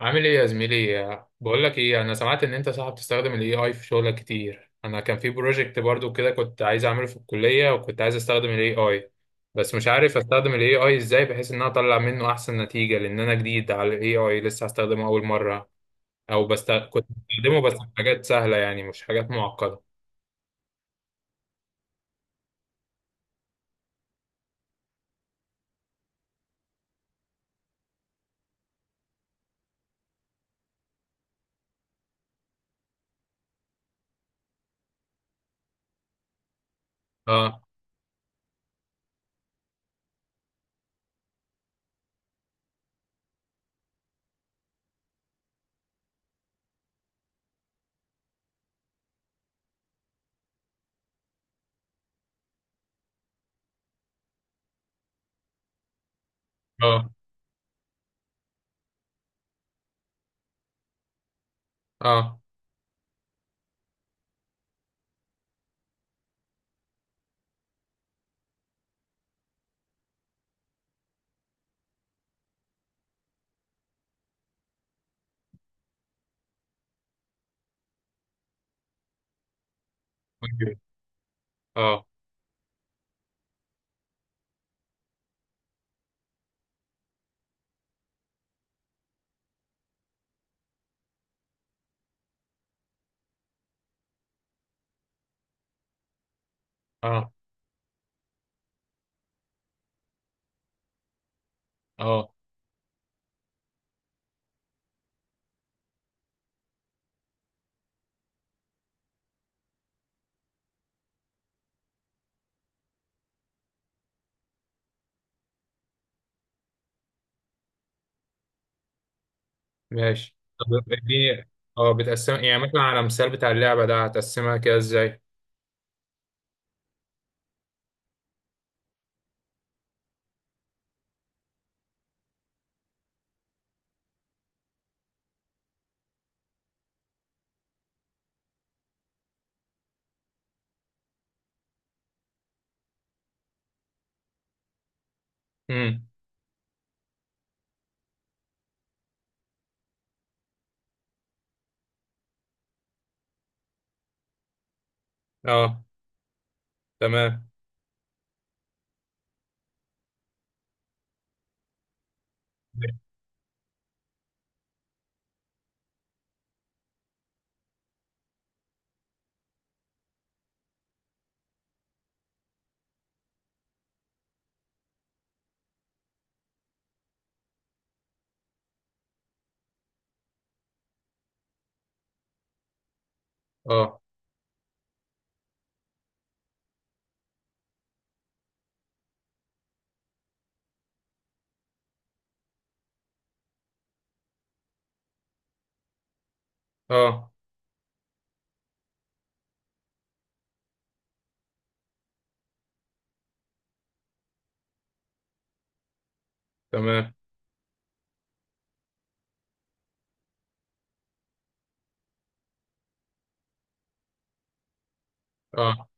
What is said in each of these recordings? عامل ايه يا زميلي؟ بقول لك ايه، انا سمعت ان انت صاحب تستخدم الاي اي في شغلك كتير. انا كان في بروجكت برضو كده كنت عايز اعمله في الكلية، وكنت عايز استخدم الاي اي، بس مش عارف استخدم الاي اي ازاي بحيث ان انا اطلع منه احسن نتيجة، لان انا جديد على الاي اي لسه هستخدمه اول مرة. كنت بستخدمه بس في حاجات سهلة، يعني مش حاجات معقدة. اه. اه. اه. أوكي. اه. اه. اه. ماشي، طب اديني. اه، بتقسم يعني مثلا؟ على مثال بتاع اللعبة ده هتقسمها كده ازاي؟ اه. تمام. اه. اه. تمام. اه.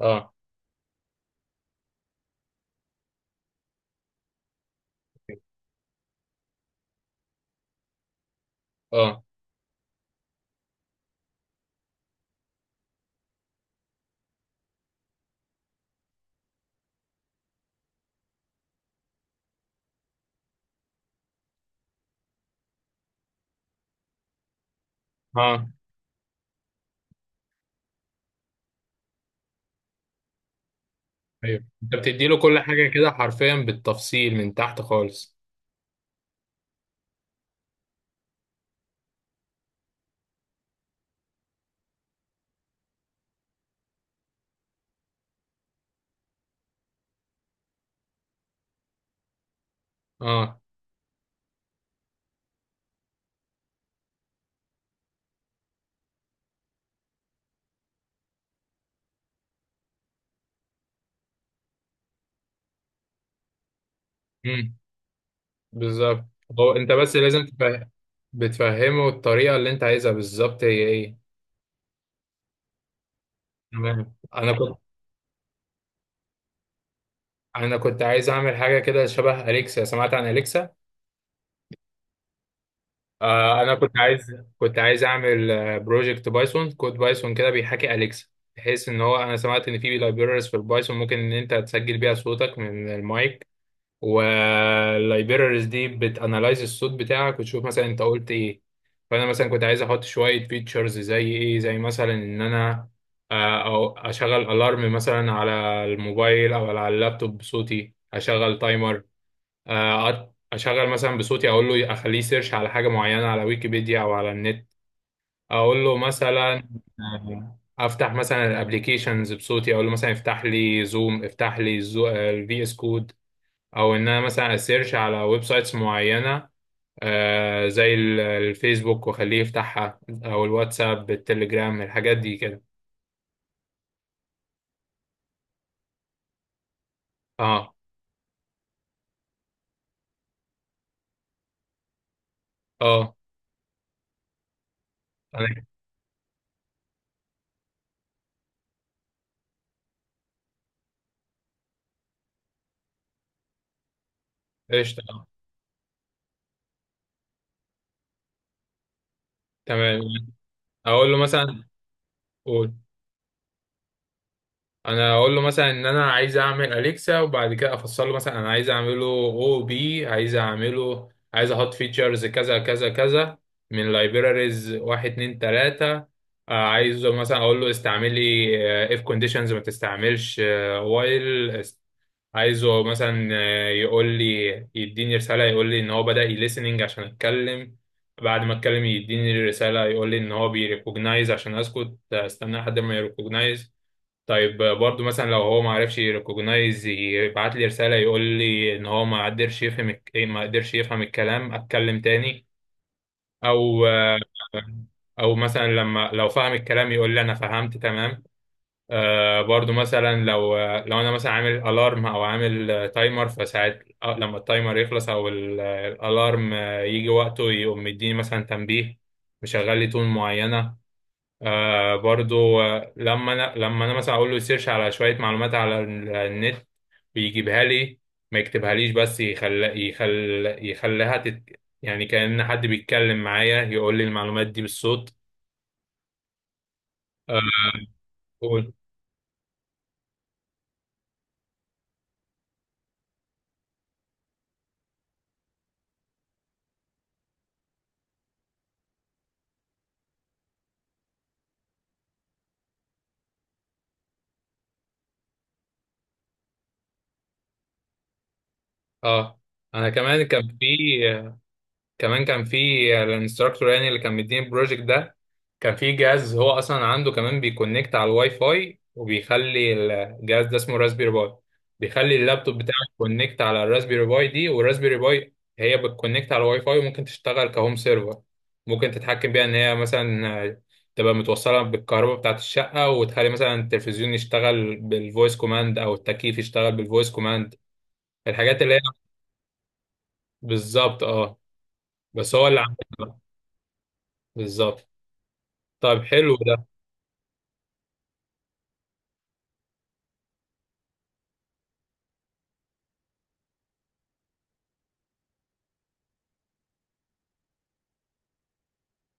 اه. اه. اه. آه. ايوه، انت بتدي له كل حاجه كده حرفيا بالتفصيل من تحت خالص. اه. امم. بالظبط. هو انت بس لازم تفهم، بتفهمه الطريقه اللي انت عايزها بالظبط هي ايه. تمام. انا كنت عايز اعمل حاجه كده شبه اليكسا. سمعت عن اليكسا. آه، انا كنت عايز اعمل بروجكت بايثون، كود بايثون كده بيحاكي اليكسا، بحيث ان هو انا سمعت ان في لايبريريز في البايثون ممكن ان انت تسجل بيها صوتك من المايك، واللايبريريز دي بتانلايز الصوت بتاعك وتشوف مثلا انت قلت ايه. فانا مثلا كنت عايز احط شويه فيتشرز زي ايه، زي مثلا ان انا او اشغل الارم مثلا على الموبايل او على اللابتوب بصوتي، اشغل تايمر، اشغل مثلا بصوتي اقول له اخليه سيرش على حاجه معينه على ويكيبيديا او على النت. اقول له مثلا افتح مثلا الابليكيشنز بصوتي، اقول له مثلا افتح لي زوم، افتح لي الفي اس كود، او ان انا مثلا اسيرش على ويب سايتس معينه، زي الفيسبوك واخليه يفتحها، او الواتساب، التليجرام، الحاجات دي كده. اه. اه. أنا- قشطه. تمام، اقول له مثلا. قول. انا اقول له مثلا ان انا عايز اعمل اليكسا، وبعد كده افصل له مثلا انا عايز اعمله او بي عايز اعمله، عايز احط فيتشرز كذا كذا كذا من لايبراريز واحد اتنين تلاتة. عايزه مثلا اقول له استعملي اف كونديشنز، ما تستعملش وايل. عايزه مثلا يقول لي، يديني رسالة يقول لي ان هو بدأ يليسننج عشان اتكلم. بعد ما اتكلم يديني رسالة يقول لي ان هو بيريكوجنايز عشان اسكت، استنى لحد ما يريكوجنايز. طيب، برضو مثلا لو هو ما عرفش يريكوجنايز يبعت لي رسالة يقول لي ان هو ما قدرش يفهم الك- إيه، ما قدرش يفهم الكلام، اتكلم تاني. او او مثلا لما لو فهم الكلام يقول لي انا فهمت تمام. آه، برضو مثلا لو انا مثلا عامل الارم او عامل تايمر فساعات، لما التايمر يخلص او الالارم يجي وقته يقوم مديني مثلا تنبيه، مشغل لي تون معينة. آه، برضو لما انا مثلا اقول له سيرش على شويه معلومات على النت، بيجيبها لي، ما يكتبهاليش، بس يخليها يعني كأن حد بيتكلم معايا يقول لي المعلومات دي بالصوت. آه. قول. اه، انا كمان كان في، كمان كان في الانستراكتور يعني اللي كان مديني البروجكت ده كان في جهاز هو اصلا عنده كمان بيكونكت على الواي فاي وبيخلي الجهاز، ده اسمه راسبيري باي، بيخلي اللابتوب بتاعك كونكت على الراسبيري باي دي، والراسبيري باي هي بتكونكت على الواي فاي، وممكن تشتغل كهوم سيرفر. ممكن تتحكم بيها ان هي مثلا تبقى متوصله بالكهرباء بتاعت الشقه، وتخلي مثلا التلفزيون يشتغل بالفويس كوماند، او التكييف يشتغل بالفويس كوماند، الحاجات اللي هي. بالظبط اه، بس هو اللي عملها. بالظبط. طيب، حلو ده.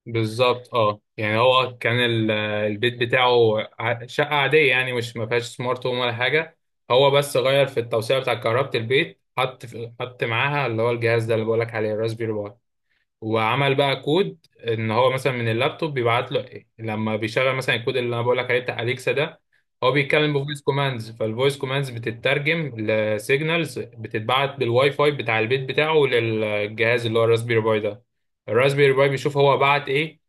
بالظبط اه، يعني هو كان البيت بتاعه شقة عادية يعني مش ما فيهاش سمارت هوم ولا حاجة. هو بس غير في التوسيع بتاع كهربة البيت، حط حط معاها اللي هو الجهاز ده اللي بقولك عليه الراسبيري. وعمل بقى كود ان هو مثلا من اللابتوب بيبعت له إيه؟ لما بيشغل مثلا الكود اللي انا بقول لك عليه بتاع اليكسا ده، هو بيتكلم بفويس كوماندز، فالفويس كوماندز بتترجم لسيجنالز بتتبعت بالواي فاي بتاع البيت بتاعه للجهاز اللي هو الراسبيري باي ده. الراسبيري باي بيشوف هو بعت ايه.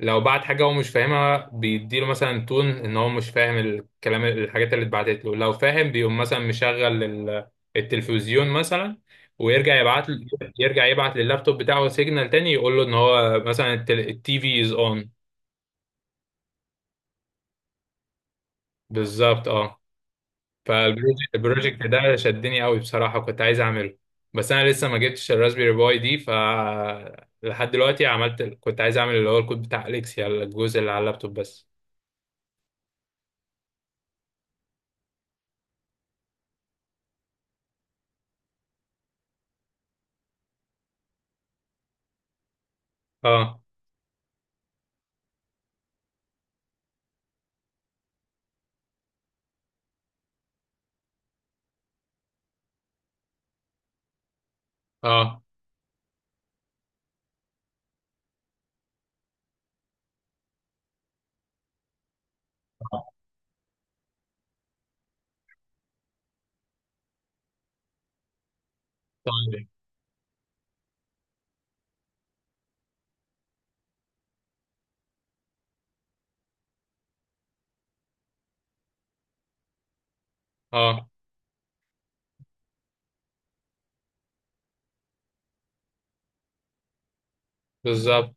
لو بعت حاجه هو مش فاهمها بيديله مثلا تون ان هو مش فاهم الكلام، الحاجات اللي اتبعتت له. لو فاهم بيقوم مثلا مشغل التلفزيون مثلا، ويرجع يبعت له، يرجع يبعت لللابتوب بتاعه سيجنال تاني يقول له ان هو مثلا التي في از اون. بالظبط اه. فالبروجكت ده شدني قوي بصراحة، كنت عايز اعمله، بس انا لسه ما جبتش الراسبيري باي دي، ف لحد دلوقتي عملت، كنت عايز اعمل اللي هو الكود بتاع اليكسيا، الجزء اللي على اللابتوب بس. اه. اه. طيب. اه. بالظبط.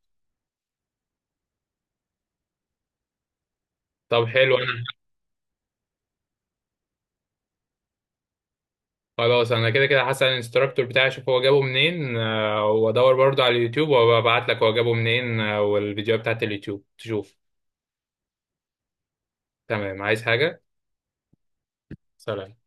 طب حلو، انا خلاص انا كده كده هسأل الانستراكتور بتاعي اشوف هو جابه منين، وادور برضه على اليوتيوب وابعت لك هو جابه منين، والفيديوهات بتاعت اليوتيوب تشوف. تمام. عايز حاجة؟ سلام.